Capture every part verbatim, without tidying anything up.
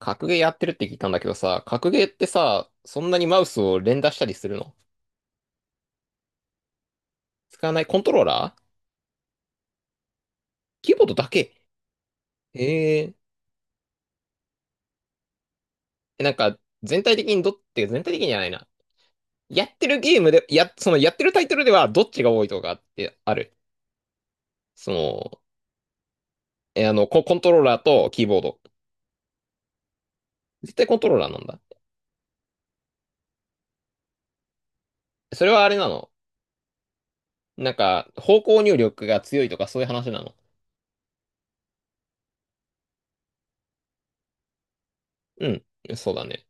格ゲーやってるって聞いたんだけどさ、格ゲーってさ、そんなにマウスを連打したりするの？使わないコントローラー？キーボードだけ？えー、えなんか、全体的にどって全体的にじゃないな。やってるゲームで、や、そのやってるタイトルではどっちが多いとかってある？その、え、あの、コ、コントローラーとキーボード。絶対コントローラーなんだ。それはあれなの？なんか、方向入力が強いとかそういう話なの？うん、そうだね。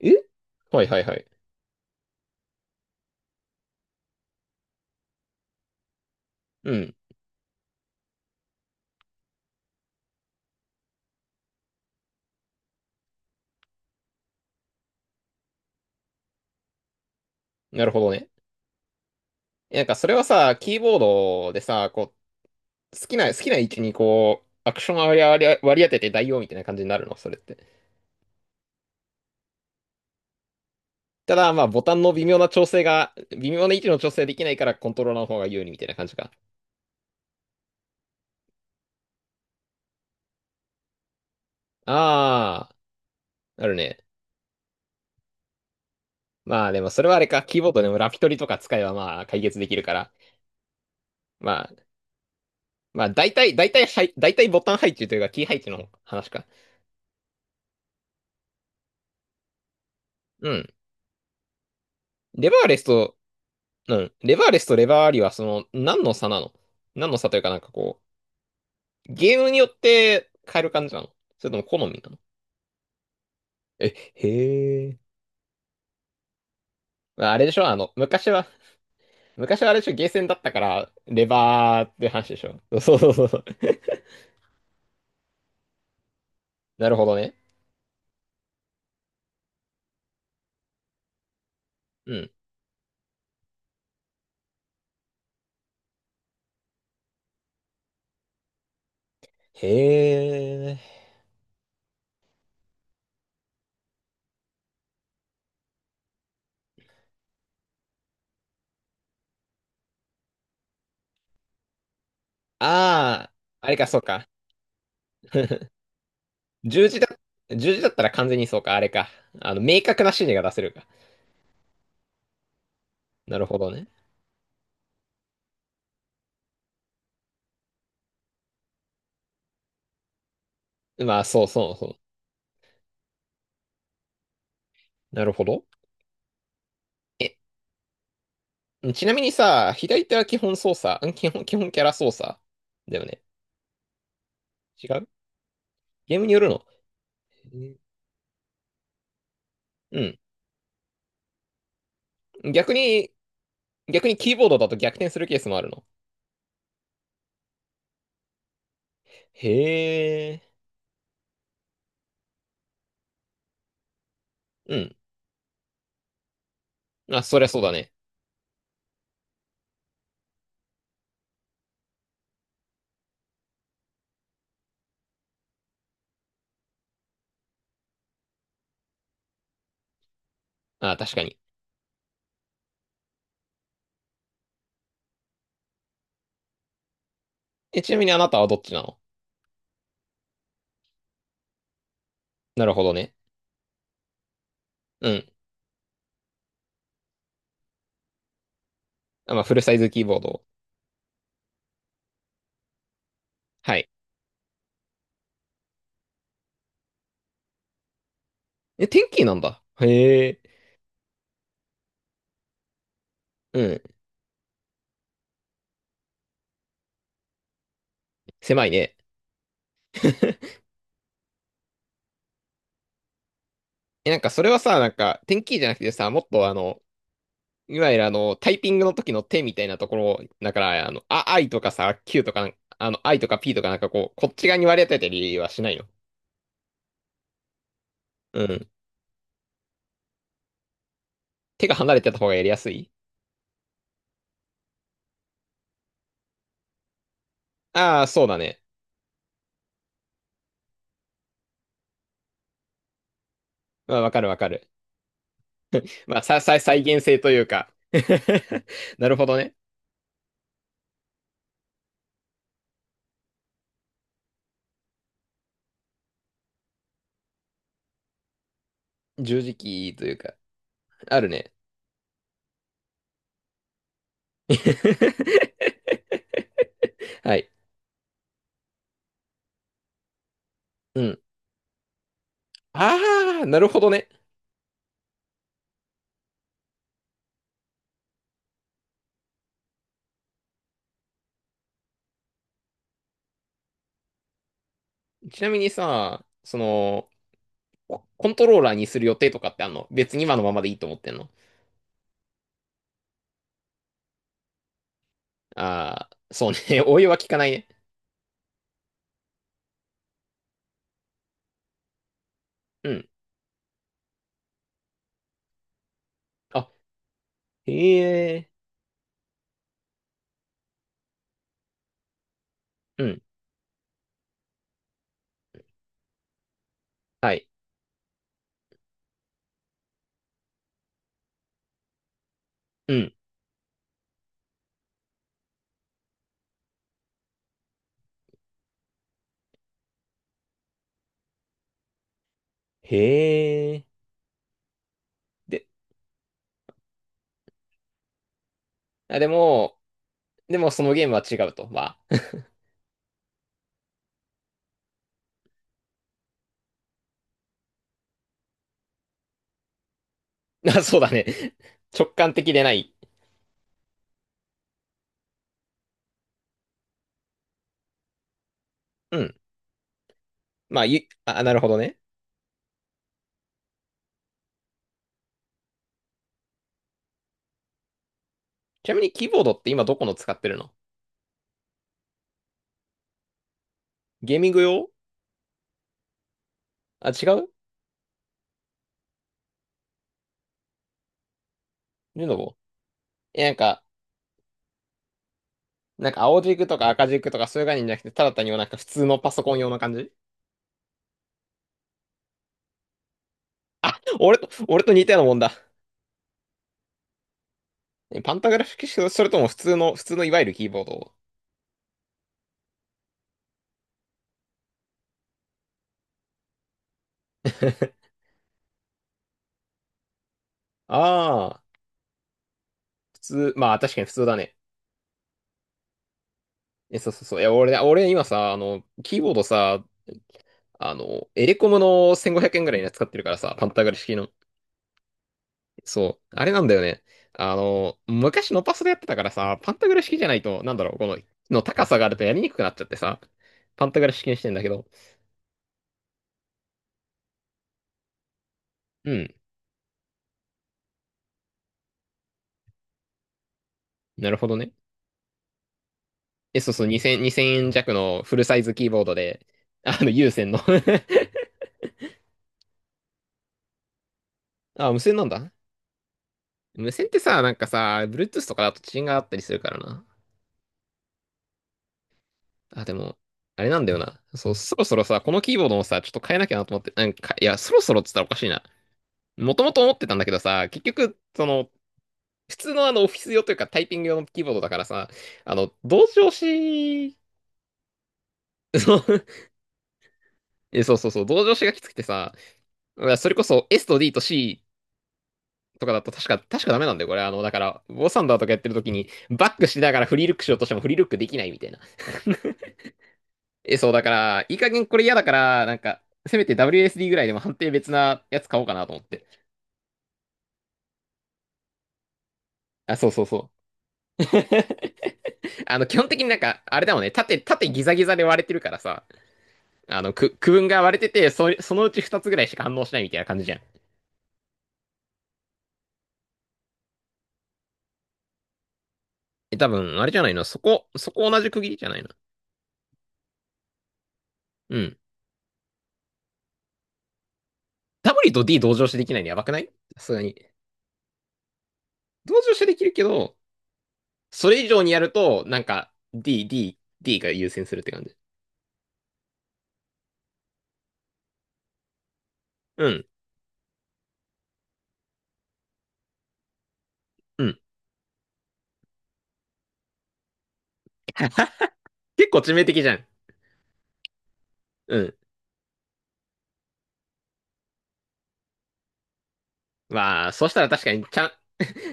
えはいはいはい。うん、なるほどね。えなんかそれはさ、キーボードでさ、こう、好きな、好きな位置にこう、アクション割り割り割り当てて代用みたいな感じになるの、それって？ただ、まあ、ボタンの微妙な調整が、微妙な位置の調整できないからコントローラーの方が有利みたいな感じか。ああ、あるね。まあ、でもそれはあれか、キーボードでもラピトリとか使えばまあ、解決できるから。まあ、まあ、大体、大体配、はい大体ボタン配置というか、キー配置の話か。うん。レバーレスと、うん。レバーレスとレバーありは、その、何の差なの？何の差というかなんかこう、ゲームによって変える感じなの？それとも好みなの？え、へえ。まああれでしょあの、昔は、昔はあれでしょゲーセンだったから、レバーって話でしょ？そうそうそうそう。なるほどね。うん。へえ。ああ、あれか、そうか。十字だ、十字だったら完全にそうか、あれか。あの、明確な指示が出せるか。なるほどね。まあ、そうそうそう。なるほど。え、ちなみにさ、左手は基本操作、ん基本、基本キャラ操作だよね。違うゲームによるの？うん。逆に、逆にキーボードだと逆転するケースもあるの？へえ。うん。あ、そりゃそうだね。あ、確かに。え、ちなみにあなたはどっちなの？なるほどね。うん。あ、まあ、フルサイズキーボード。はい。え、テンキーなんだ。へえ。うん。狭いね。え、なんかそれはさ、なんか、テンキーじゃなくてさ、もっとあの、いわゆるあの、タイピングの時の手みたいなところ、だから、あの、あ、I とかさ、Q とか、あの、I とか P とかなんかこう、こっち側に割り当てたりはしないの？うん。手が離れてた方がやりやすい。ああ、そうだね。まあ、わかるわかる。まあ、さ、さ、再現性というか。なるほどね。十字キーというか。あるね。はい。うん。ああ、なるほどね。ちなみにさ、その、ココントローラーにする予定とかってあんの？別に今のままでいいと思ってんの？ああー、そうね。お湯は効かないね。うん。あ、へえ。うん。はい。うん。へえ。で、あ、でも、でもそのゲームは違うと。まあ、あ、そうだね。直感的でない。うん。まあ、ゆ、あ、なるほどね。ちなみにキーボードって今どこの使ってるの？ゲーミング用？あ、違う？ルノボ？え、なんか、なんか青軸とか赤軸とかそういう概念じゃなくて、ただ単になんか普通のパソコン用の感じ？あ、俺と、俺と似たようなもんだ。えパンタグラフ式、それとも普通の、普通のいわゆるキーボード？ ああ、普通、まあ確かに普通だね。え、そうそうそう。いや、俺、俺今さ、あの、キーボードさ、あの、エレコムのせんごひゃくえんぐらいのやつ使ってるからさ、パンタグラフ式の。そう。あれなんだよね。あの、昔のパソでやってたからさ、パンタグラ式じゃないと、なんだろう、この、の高さがあるとやりにくくなっちゃってさ、パンタグラ式にしてんだけど。うん。なるほどね。え、そうそう、にせん、円弱のフルサイズキーボードで、あの、有線の。 あ、無線なんだ。無線ってさ、なんかさ、Bluetooth とかだと遅延があったりするからな。あ、でも、あれなんだよな。そう、そろそろさ、このキーボードもさ、ちょっと変えなきゃなと思って、なんか、いや、そろそろって言ったらおかしいな。もともと思ってたんだけどさ、結局、その、普通のあのオフィス用というかタイピング用のキーボードだからさ、あの、同調子。そうそうそうそう、同調子がきつくてさ、それこそ S と D と C とかだと確か、確かダメなんだよ、これ。あの、だから、ボサンダーとかやってる時に、バックしながらフリールックしようとしてもフリールックできないみたいな。え、そう、だから、いい加減これ嫌だから、なんか、せめて ダブリューエスディー ぐらいでも判定別なやつ買おうかなと思って。あ、そうそうそう。あの、基本的になんか、あれだもんね、縦、縦ギザギザで割れてるからさ、あの、く、区分が割れてて、そ、そのうちふたつぐらいしか反応しないみたいな感じじゃん。え、多分、あれじゃないの？そこ、そこ同じ区切りじゃないの？うん。W と D 同乗してできないのやばくない？さすがに。同乗してできるけど、それ以上にやると、なんか、D、D、D が優先するって感じ。うん、うん。結構致命的じゃん。うん。まあ、そしたら確かに、ちゃん、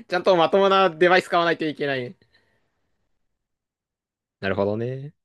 ちゃんとまともなデバイス買わないといけないね。なるほどね。